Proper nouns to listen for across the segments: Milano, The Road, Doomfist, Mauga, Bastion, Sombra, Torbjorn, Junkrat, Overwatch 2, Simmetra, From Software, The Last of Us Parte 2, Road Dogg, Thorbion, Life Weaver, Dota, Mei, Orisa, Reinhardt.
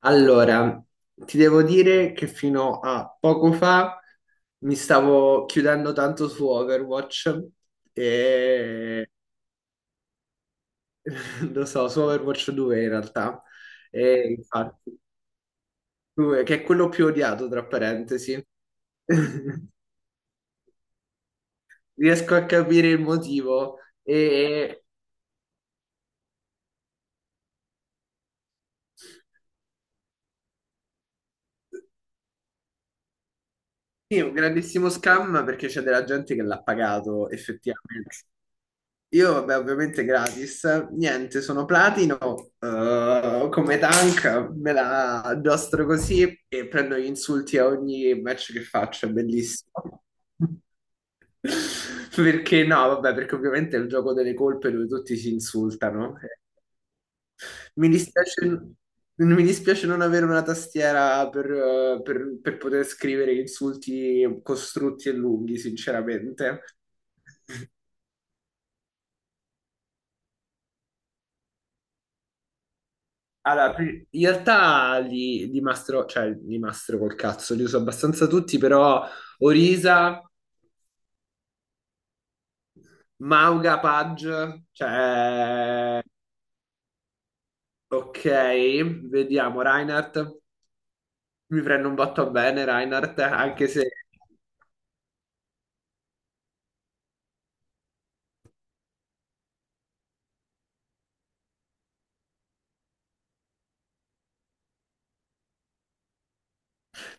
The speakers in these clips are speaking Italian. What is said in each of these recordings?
Allora, ti devo dire che fino a poco fa mi stavo chiudendo tanto su Overwatch e lo so, su Overwatch 2 in realtà. E infatti, 2, che è quello più odiato, tra parentesi. Riesco a capire il motivo. E sì, è un grandissimo scam perché c'è della gente che l'ha pagato effettivamente. Io, vabbè, ovviamente gratis. Niente, sono platino, come tank, me la addostro così e prendo gli insulti a ogni match che faccio, è bellissimo. Perché no, vabbè, perché ovviamente è il gioco delle colpe dove tutti si insultano. Mi dispiace, mi dispiace non avere una tastiera per poter scrivere insulti costrutti e lunghi, sinceramente. Allora, in realtà li mastro, cioè li mastro col cazzo, li uso abbastanza tutti, però Orisa, Mauga, Page, cioè... Ok, vediamo, Reinhardt, mi prendo un botto bene Reinhardt, anche se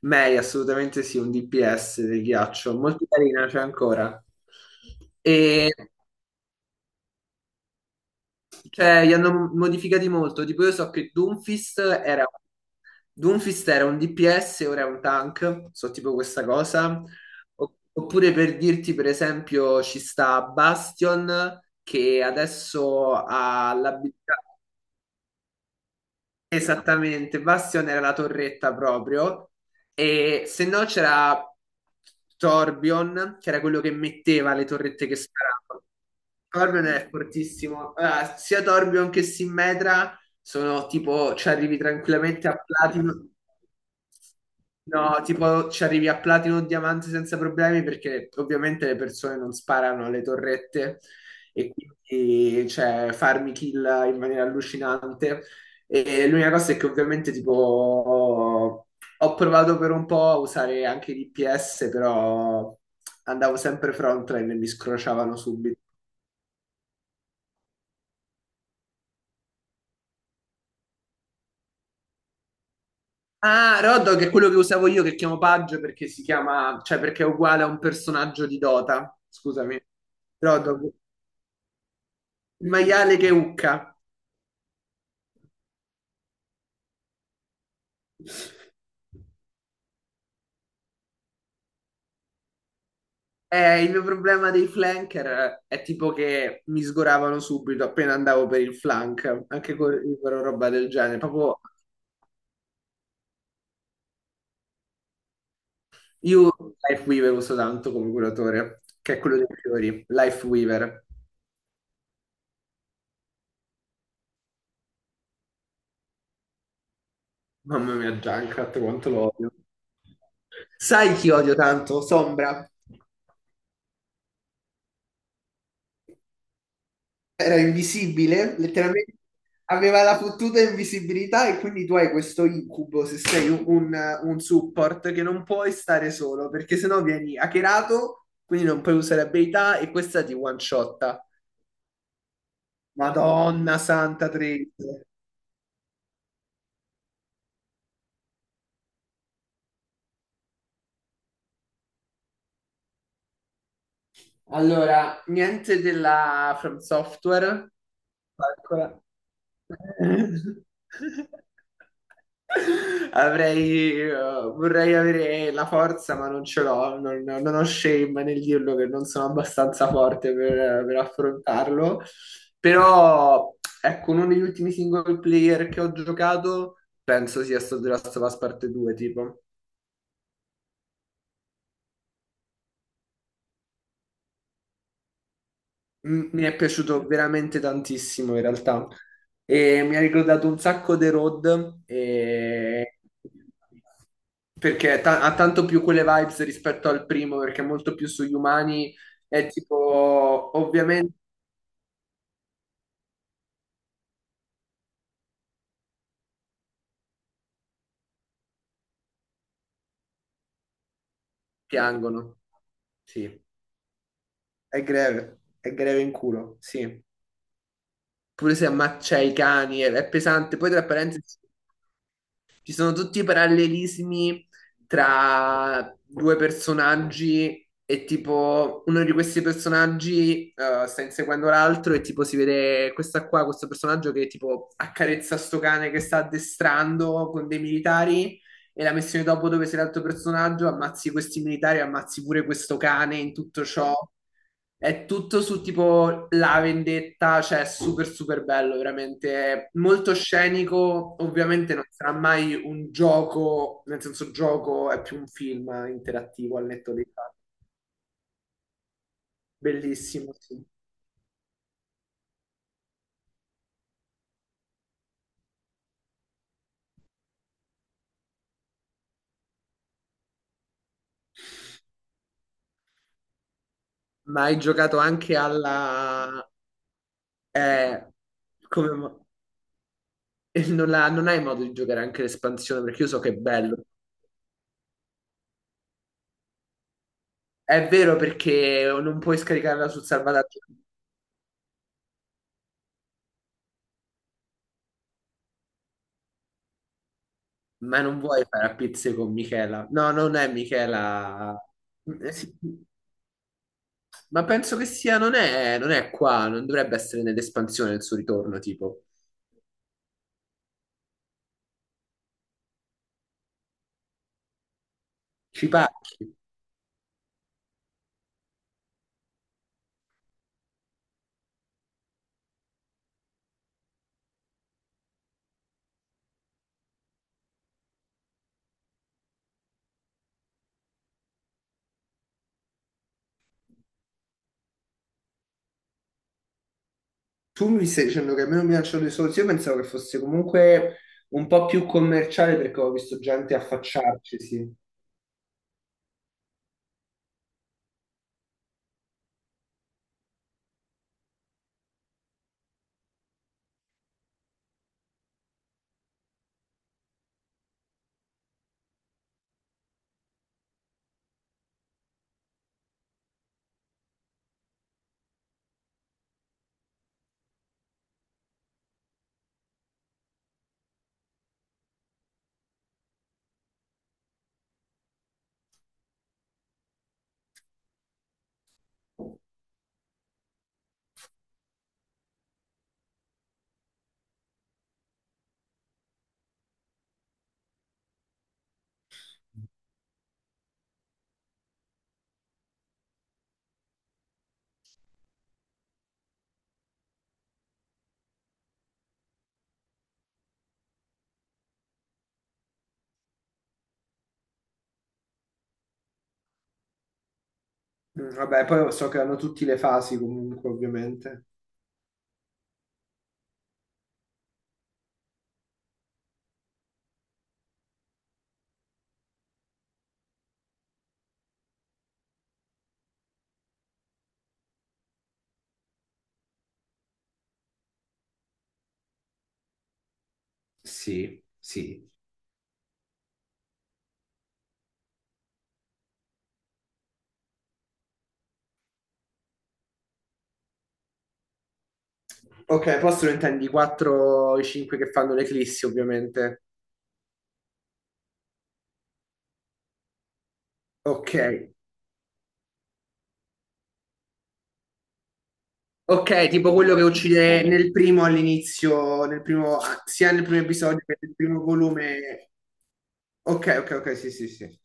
Mei assolutamente sì, un DPS del ghiaccio, molto carina, c'è ancora. E cioè, gli hanno modificati molto, tipo io so che Doomfist era un DPS, ora è un tank, so tipo questa cosa. Oppure per dirti, per esempio, ci sta Bastion che adesso ha l'abilità. Esattamente, Bastion era la torretta proprio. E se no c'era Torbjorn, che era quello che metteva le torrette che sparava. Thorbion è fortissimo. Allora, sia Thorbion che Simmetra sono tipo, ci arrivi tranquillamente a Platinum. No, tipo ci arrivi a platino o diamante senza problemi perché ovviamente le persone non sparano alle torrette e quindi cioè, farmi kill in maniera allucinante. E l'unica cosa è che ovviamente tipo ho provato per un po' a usare anche l'IPS, però andavo sempre frontline e mi scrociavano subito. Ah, Road Dogg è quello che usavo io che chiamo Paggio perché si chiama, cioè perché è uguale a un personaggio di Dota. Scusami. Road Dogg, il maiale che ucca. Il mio problema dei flanker è tipo che mi sgoravano subito appena andavo per il flank, anche con roba del genere. Proprio io Life Weaver uso tanto come curatore, che è quello dei fiori. Life Weaver. Mamma mia, Junkrat, quanto lo odio. Sai chi odio tanto? Sombra. Era invisibile, letteralmente aveva la fottuta invisibilità e quindi tu hai questo incubo se sei un, un support che non puoi stare solo perché sennò vieni hackerato, quindi non puoi usare abilità e questa ti one shotta. Madonna santa triste. Allora, niente della From Software. Calcola. Avrei, vorrei avere la forza, ma non ce l'ho, non, non ho shame nel dirlo che non sono abbastanza forte per affrontarlo. Però, ecco, uno degli ultimi single player che ho giocato penso sia stato The Last of Us Parte 2, tipo. Mi è piaciuto veramente tantissimo in realtà e mi ha ricordato un sacco The Road perché ha tanto più quelle vibes rispetto al primo perché è molto più sugli umani è tipo ovviamente piangono, sì, è greve in culo, sì, pure se ammaccia i cani è pesante, poi tra parentesi. Ci sono tutti i parallelismi tra due personaggi e tipo uno di questi personaggi sta inseguendo l'altro e tipo si vede questa qua, questo personaggio che tipo accarezza sto cane che sta addestrando con dei militari e la missione dopo dove sei l'altro personaggio, ammazzi questi militari, ammazzi pure questo cane in tutto ciò. È tutto su tipo la vendetta, cioè è super super bello, veramente. È molto scenico. Ovviamente non sarà mai un gioco, nel senso gioco è più un film interattivo al netto dei fatti. Bellissimo, sì. Ma hai giocato anche alla... eh, come... mo- e non hai modo di giocare anche l'espansione, perché io so che è bello. È vero perché non puoi scaricarla sul salvataggio, ma non vuoi fare a pizze con Michela. No, non è Michela. Sì. Ma penso che sia, non è, non è qua, non dovrebbe essere nell'espansione il suo ritorno, tipo. Ci pacchi. Tu mi stai dicendo che a me non mi piacciono i soldi, io pensavo che fosse comunque un po' più commerciale perché ho visto gente affacciarci, sì. Mm, vabbè, poi so che hanno tutte le fasi comunque, ovviamente. Sì, sì. Ok, posto lo intendi 4 i 5 che fanno l'eclissi, ovviamente. Ok. Ok, tipo quello che uccide nel primo all'inizio, nel primo, ah, sia nel primo episodio che nel primo volume. Ok, ok, ok, sì, sì, sì.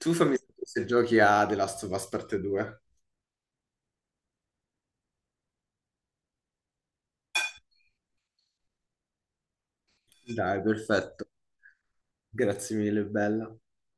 Tu fammi sapere se giochi a The Last of Us parte 2. Dai, perfetto. Grazie mille, bella.